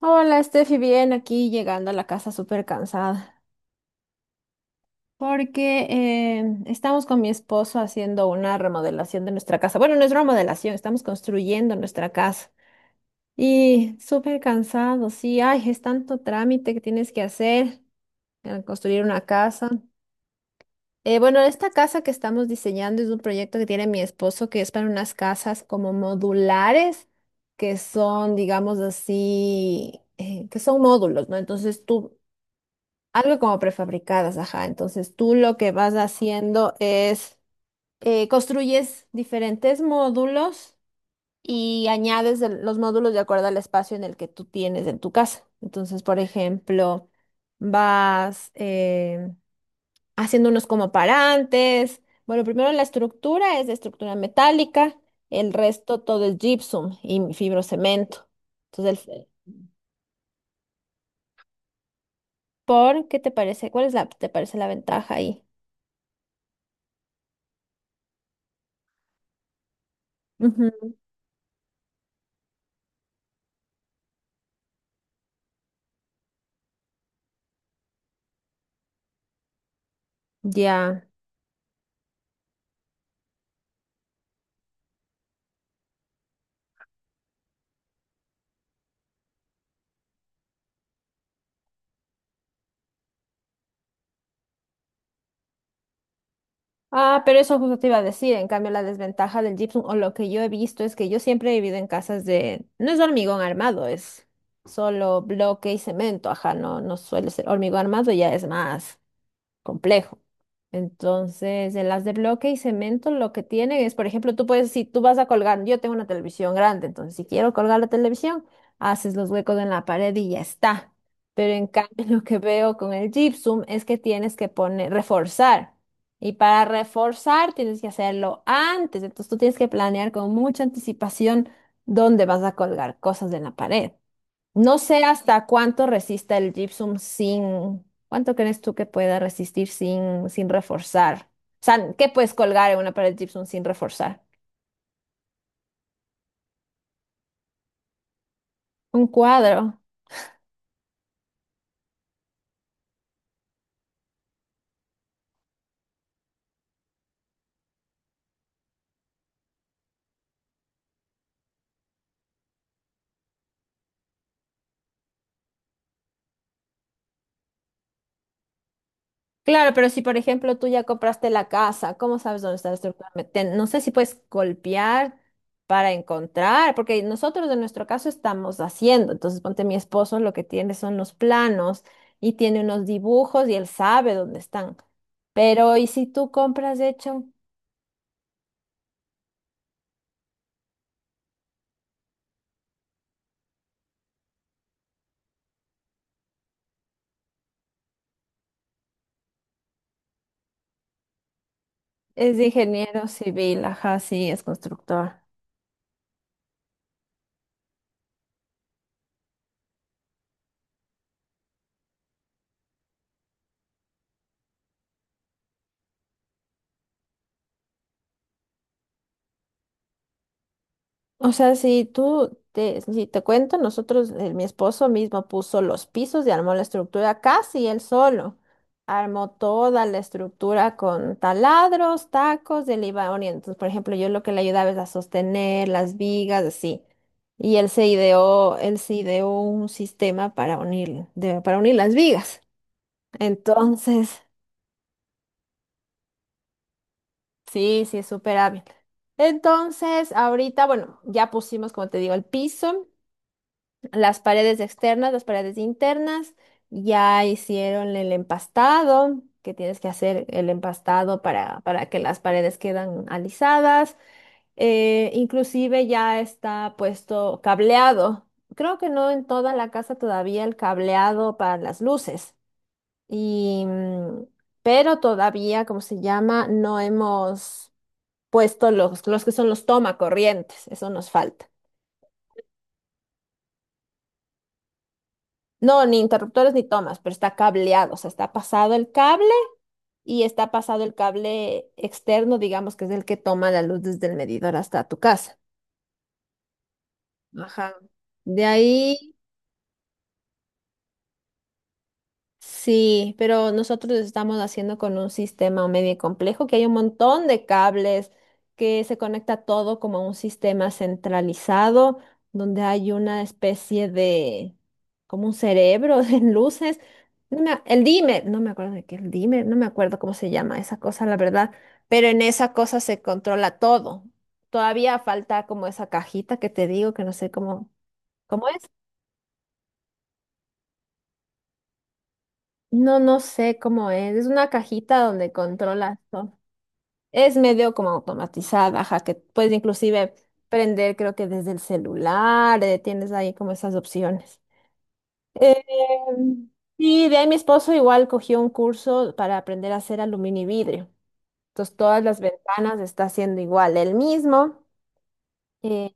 Hola, Steffi, bien, aquí llegando a la casa súper cansada, porque estamos con mi esposo haciendo una remodelación de nuestra casa. Bueno, no es remodelación, estamos construyendo nuestra casa. Y súper cansado, sí, ay, es tanto trámite que tienes que hacer al construir una casa. Bueno, esta casa que estamos diseñando es un proyecto que tiene mi esposo, que es para unas casas como modulares, que son, digamos así, que son módulos, ¿no? Entonces tú algo como prefabricadas, ajá. Entonces tú lo que vas haciendo es construyes diferentes módulos y añades los módulos de acuerdo al espacio en el que tú tienes en tu casa. Entonces, por ejemplo, vas haciendo unos como parantes. Bueno, primero la estructura es de estructura metálica, el resto todo es gypsum y fibrocemento. Entonces, el- ¿por qué te parece? ¿Cuál es la, te parece la ventaja ahí? Ujú. Ya. Ah, pero eso justo te iba a decir. En cambio, la desventaja del gypsum o lo que yo he visto es que yo siempre he vivido en casas de... No es hormigón armado, es solo bloque y cemento. Ajá, no, no suele ser hormigón armado, ya es más complejo. Entonces, en las de bloque y cemento lo que tienen es, por ejemplo, tú puedes, si tú vas a colgar, yo tengo una televisión grande, entonces si quiero colgar la televisión, haces los huecos en la pared y ya está. Pero en cambio, lo que veo con el gypsum es que tienes que poner, reforzar. Y para reforzar tienes que hacerlo antes, entonces tú tienes que planear con mucha anticipación dónde vas a colgar cosas en la pared. No sé hasta cuánto resista el gypsum sin, ¿cuánto crees tú que pueda resistir sin, sin reforzar? O sea, ¿qué puedes colgar en una pared de gypsum sin reforzar? Un cuadro. Claro, pero si por ejemplo tú ya compraste la casa, ¿cómo sabes dónde está la estructura? No sé si puedes golpear para encontrar, porque nosotros en nuestro caso estamos haciendo. Entonces, ponte mi esposo, lo que tiene son los planos y tiene unos dibujos y él sabe dónde están. Pero, ¿y si tú compras hecho? Es de ingeniero civil, ajá, sí, es constructor. O sea, si tú te, si te cuento, nosotros, mi esposo mismo puso los pisos y armó la estructura casi él solo. Armó toda la estructura con taladros, tacos, él iba orientando. Por ejemplo, yo lo que le ayudaba es a sostener las vigas, así. Y él se ideó un sistema para unir, para unir las vigas. Entonces. Sí, sí, es súper hábil. Entonces, ahorita, bueno, ya pusimos, como te digo, el piso, las paredes externas, las paredes internas, ya hicieron el empastado, que tienes que hacer el empastado para que las paredes quedan alisadas. Inclusive ya está puesto cableado. Creo que no en toda la casa todavía el cableado para las luces. Y, pero todavía, como se llama? No hemos puesto los que son los toma corrientes, eso nos falta. No, ni interruptores ni tomas, pero está cableado, o sea, está pasado el cable y está pasado el cable externo, digamos, que es el que toma la luz desde el medidor hasta tu casa. Ajá. De ahí sí, pero nosotros lo estamos haciendo con un sistema medio complejo que hay un montón de cables que se conecta todo como a un sistema centralizado donde hay una especie de como un cerebro de luces. No me a- el dimmer, no me acuerdo de qué el dimmer, no me acuerdo cómo se llama esa cosa, la verdad, pero en esa cosa se controla todo. Todavía falta como esa cajita que te digo que no sé cómo cómo es. No, no sé cómo es. Es una cajita donde controlas todo. Es medio como automatizada, ajá, que puedes inclusive prender, creo que desde el celular, tienes ahí como esas opciones. Eh, y de ahí mi esposo igual cogió un curso para aprender a hacer aluminio y vidrio. Entonces todas las ventanas está haciendo igual, él mismo. Eh,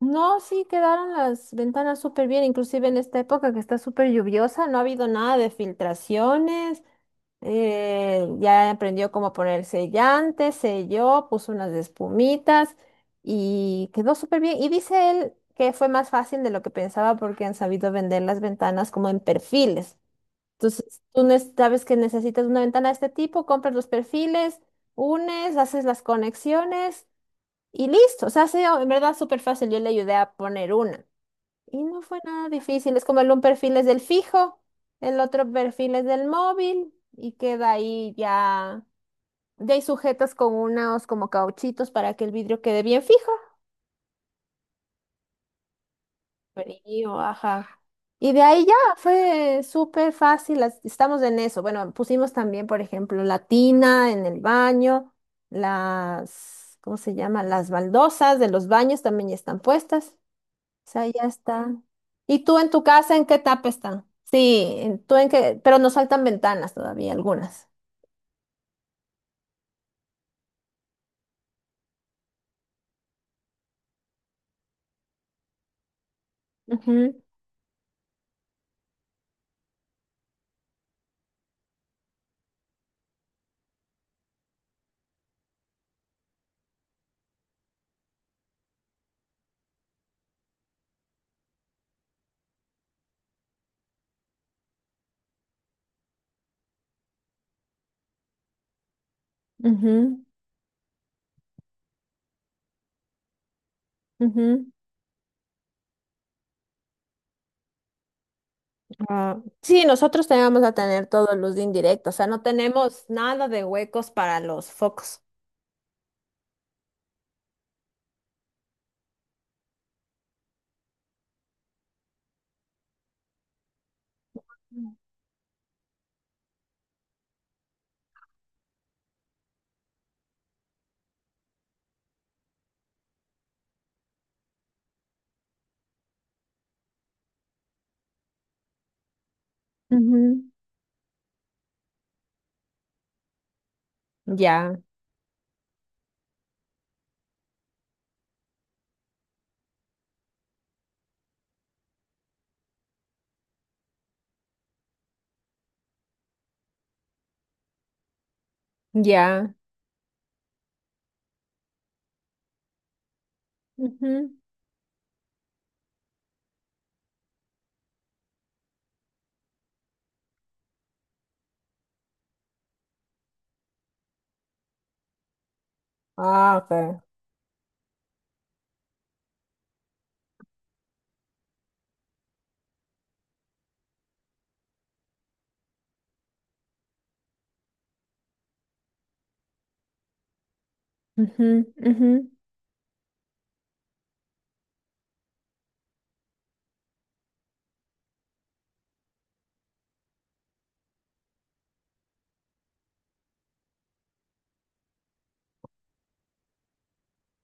no, sí quedaron las ventanas súper bien, inclusive en esta época que está súper lluviosa, no ha habido nada de filtraciones. Ya aprendió cómo poner sellante, selló, puso unas espumitas y quedó súper bien. Y dice él que fue más fácil de lo que pensaba porque han sabido vender las ventanas como en perfiles. Entonces, sabes que necesitas una ventana de este tipo, compras los perfiles, unes, haces las conexiones y listo. O sea, ha sido en verdad súper fácil. Yo le ayudé a poner una. Y no fue nada difícil, es como el un perfil es del fijo, el otro perfil es del móvil y queda ahí ya, ya hay sujetas con unos como cauchitos para que el vidrio quede bien fijo. Frío, ajá. Y de ahí ya fue súper fácil, las- estamos en eso. Bueno, pusimos también, por ejemplo, la tina en el baño, las, ¿cómo se llama? Las baldosas de los baños también ya están puestas. O sea, ya está. ¿Y tú en tu casa en qué etapa está? Sí, tú en qué, pero nos faltan ventanas todavía, algunas. Ujú, ujú, ujú. Ah, sí, nosotros te vamos a tener todo luz de indirecta, o sea, no tenemos nada de huecos para los focos. Ujú. Ya, ya. Ujú. Ah, ok. Ujú, ujú,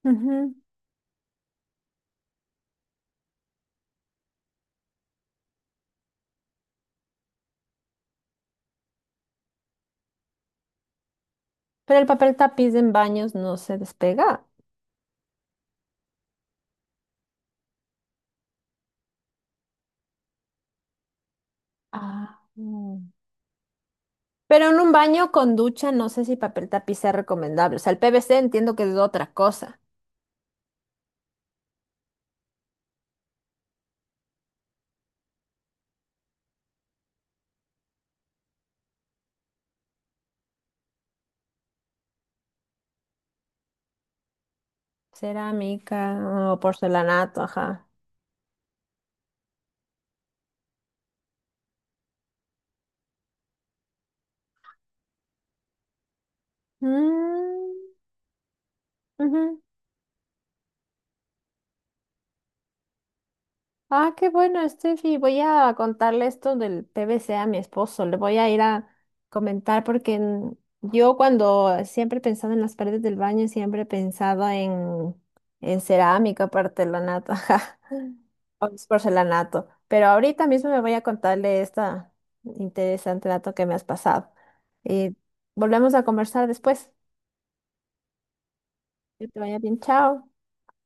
ujú. Pero el papel tapiz en baños no se despega. Ah. Pero en un baño con ducha no sé si papel tapiz sea recomendable. O sea, el PVC entiendo que es otra cosa. Cerámica o porcelanato, ajá. Mm, ujú. Ah, qué bueno, Steffi. Voy a contarle esto del PVC a mi esposo. Le voy a ir a comentar porque yo cuando siempre he pensado en las paredes del baño, siempre he pensado en cerámica, porcelanato, ajá, o es porcelanato. Pero ahorita mismo me voy a contarle esta interesante dato que me has pasado. Y volvemos a conversar después. Que te vaya bien, chao.